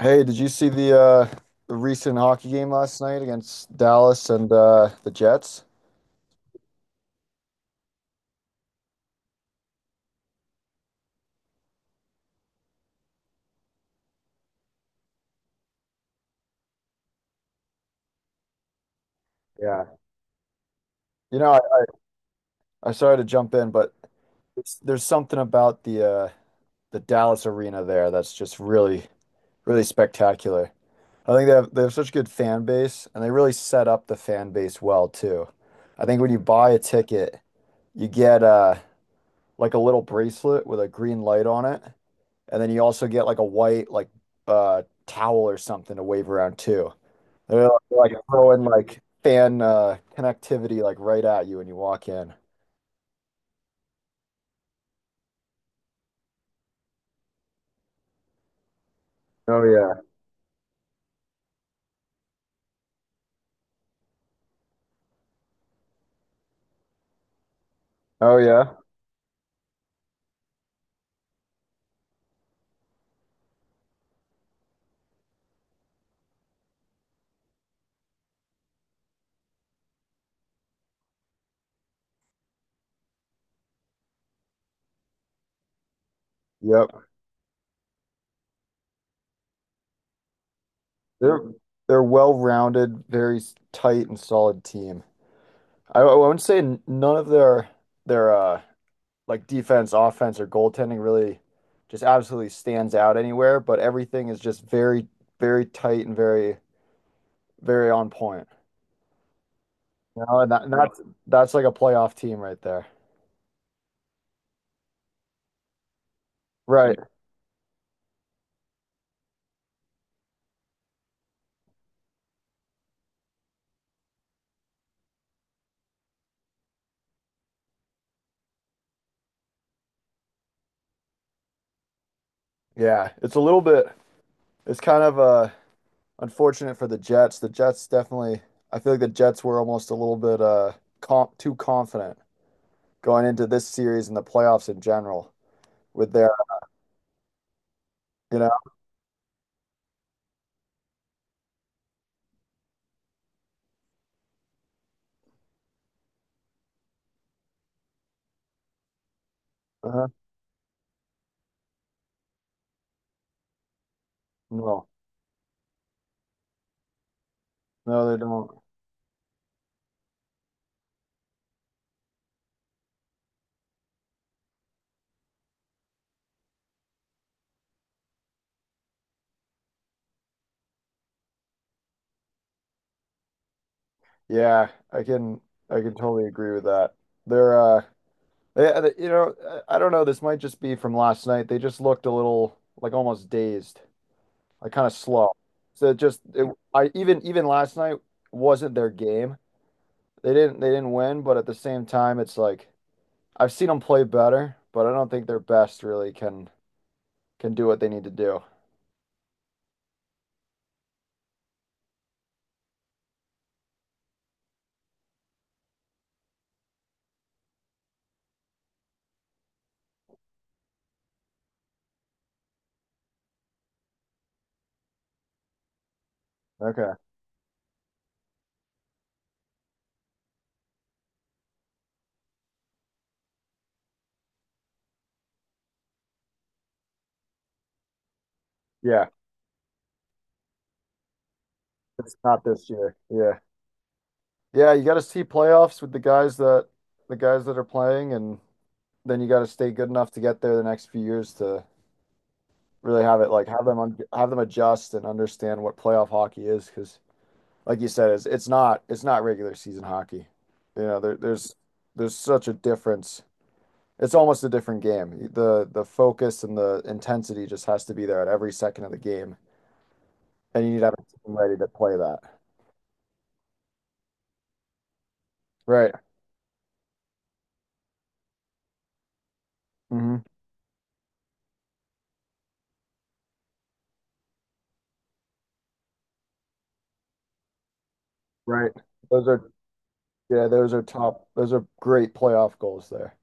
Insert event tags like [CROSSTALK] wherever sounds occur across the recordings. Hey, did you see the the recent hockey game last night against Dallas and the Jets? Yeah. You know, I, I'm sorry to jump in, but there's something about the the Dallas arena there that's just really really spectacular. I think they have such a good fan base, and they really set up the fan base well too. I think when you buy a ticket, you get like a little bracelet with a green light on it, and then you also get like a white like towel or something to wave around too. They're like throwing like fan connectivity like right at you when you walk in. Oh yeah. Oh yeah. Yep. They're they're well-rounded, very tight and solid team. I wouldn't say none of their like defense, offense, or goaltending really just absolutely stands out anywhere, but everything is just very, very tight and very, very on point. And that's like a playoff team right there. Right. Yeah. It's a little bit. It's kind of a unfortunate for the Jets. The Jets definitely, I feel like the Jets were almost a little bit comp too confident going into this series and the playoffs in general with their, you know, uh-huh. No, no, they don't. Yeah, I can, I can totally agree with that. They're, they, you know, I don't know. This might just be from last night. They just looked a little like almost dazed, like kind of slow. So it just, it, I even last night wasn't their game. They didn't win, but at the same time, it's like I've seen them play better, but I don't think their best really can do what they need to do. Okay. Yeah. It's not this year. Yeah. Yeah, you got to see playoffs with the guys that are playing, and then you got to stay good enough to get there the next few years to really have it like have them un have them adjust and understand what playoff hockey is, because like you said, it's not regular season hockey. You know, there, there's there's such a difference. It's almost a different game. The focus and the intensity just has to be there at every second of the game, and you need to have a team ready to play that. Right. Hmm. Right. Those are, yeah, those are top. Those are great playoff goals there.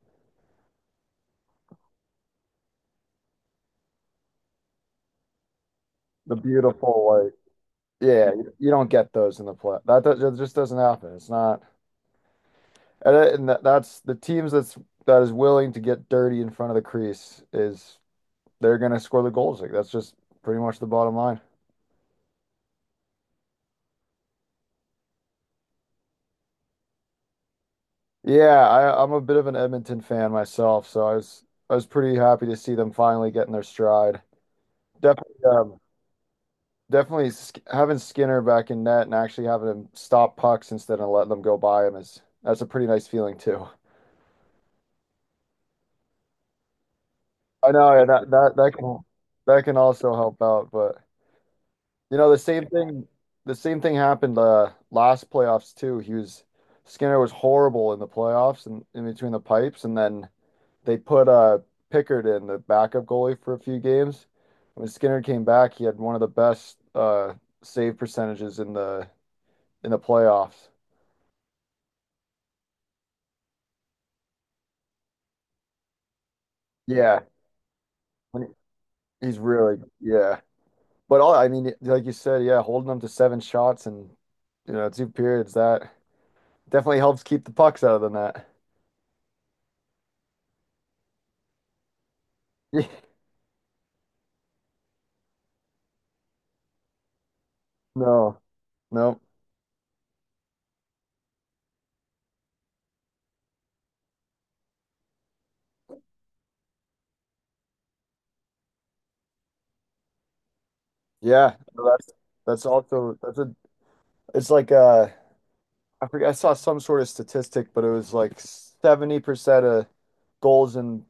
The beautiful like, yeah, you don't get those in the play. That just doesn't happen. It's not, and, it- and that, that's the teams that is willing to get dirty in front of the crease, is they're gonna score the goals. Like that's just pretty much the bottom line. Yeah, I'm a bit of an Edmonton fan myself, so I was pretty happy to see them finally getting their stride. Definitely, definitely sk having Skinner back in net and actually having him stop pucks instead of letting them go by him is that's a pretty nice feeling too. I know, yeah, that can also help out, but you know the same thing happened last playoffs too. He was Skinner was horrible in the playoffs and in between the pipes, and then they put Pickard in the backup goalie for a few games. When Skinner came back, he had one of the best save percentages in the playoffs. Yeah. When- he's really, yeah. But all I mean, like you said, yeah, holding them to seven shots and you know two periods, that definitely helps keep the pucks out of the net. [LAUGHS] No, no, yeah, no, that's also that's a, it's like I forget, I saw some sort of statistic, but it was like 70% of goals in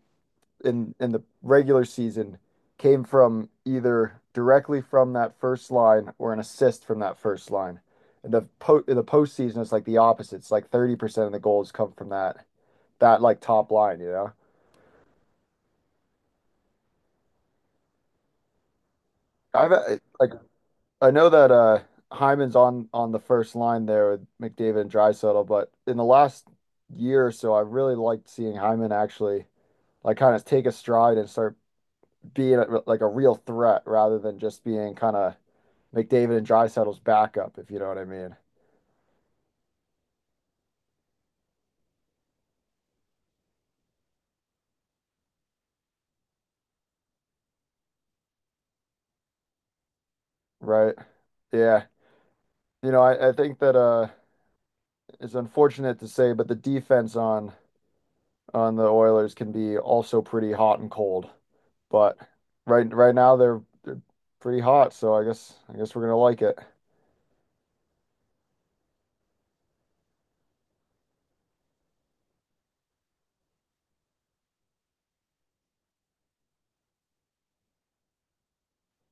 in the regular season came from either directly from that first line or an assist from that first line. And the po in the postseason it's like the opposite. It's like 30% of the goals come from that like top line, you know. I've uh, like I know that Hyman's on the first line there with McDavid and Draisaitl, but in the last year or so, I really liked seeing Hyman actually like kind of take a stride and start being a, like a real threat rather than just being kind of McDavid and Draisaitel's backup, if you know what I mean. Right. Yeah. I think that it's unfortunate to say, but the defense on the Oilers can be also pretty hot and cold. But right now they're pretty hot, so I guess we're gonna like it.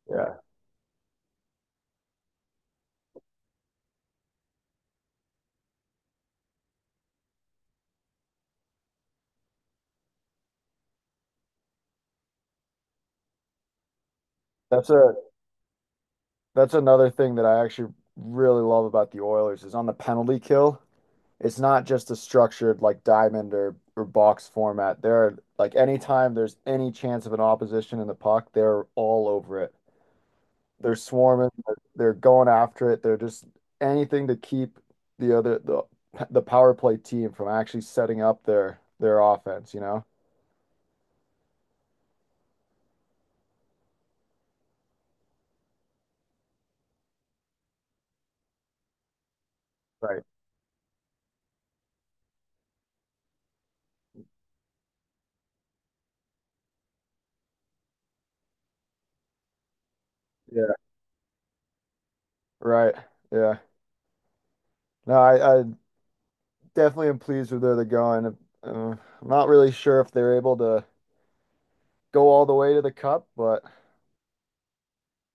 Yeah. That's a that's another thing that I actually really love about the Oilers is on the penalty kill. It's not just a structured like diamond or box format. There are like anytime there's any chance of an opposition in the puck, they're all over it. They're swarming, they're going after it. They're just anything to keep the other the power play team from actually setting up their offense, you know? Right. Yeah. Right. Yeah. No, I definitely am pleased with where they're going. Uh, I'm not really sure if they're able to go all the way to the cup, but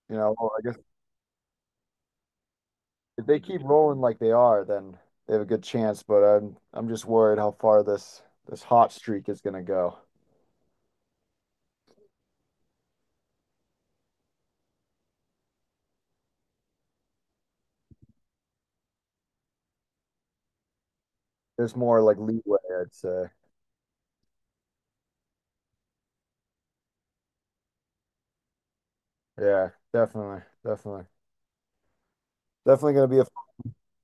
I guess if they keep rolling like they are, then they have a good chance, but I'm just worried how far this hot streak is gonna go. There's more like leeway, I'd say. Yeah, definitely, definitely. Definitely gonna be a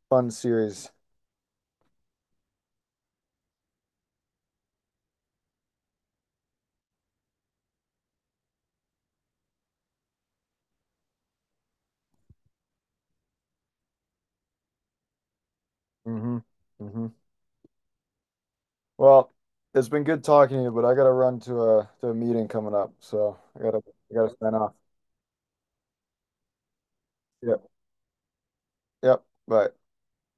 fun series. Mm-hmm. Mm-hmm. Well, it's been good talking to you, but I gotta run to a meeting coming up, so I gotta sign off. Yep. Yep. Bye.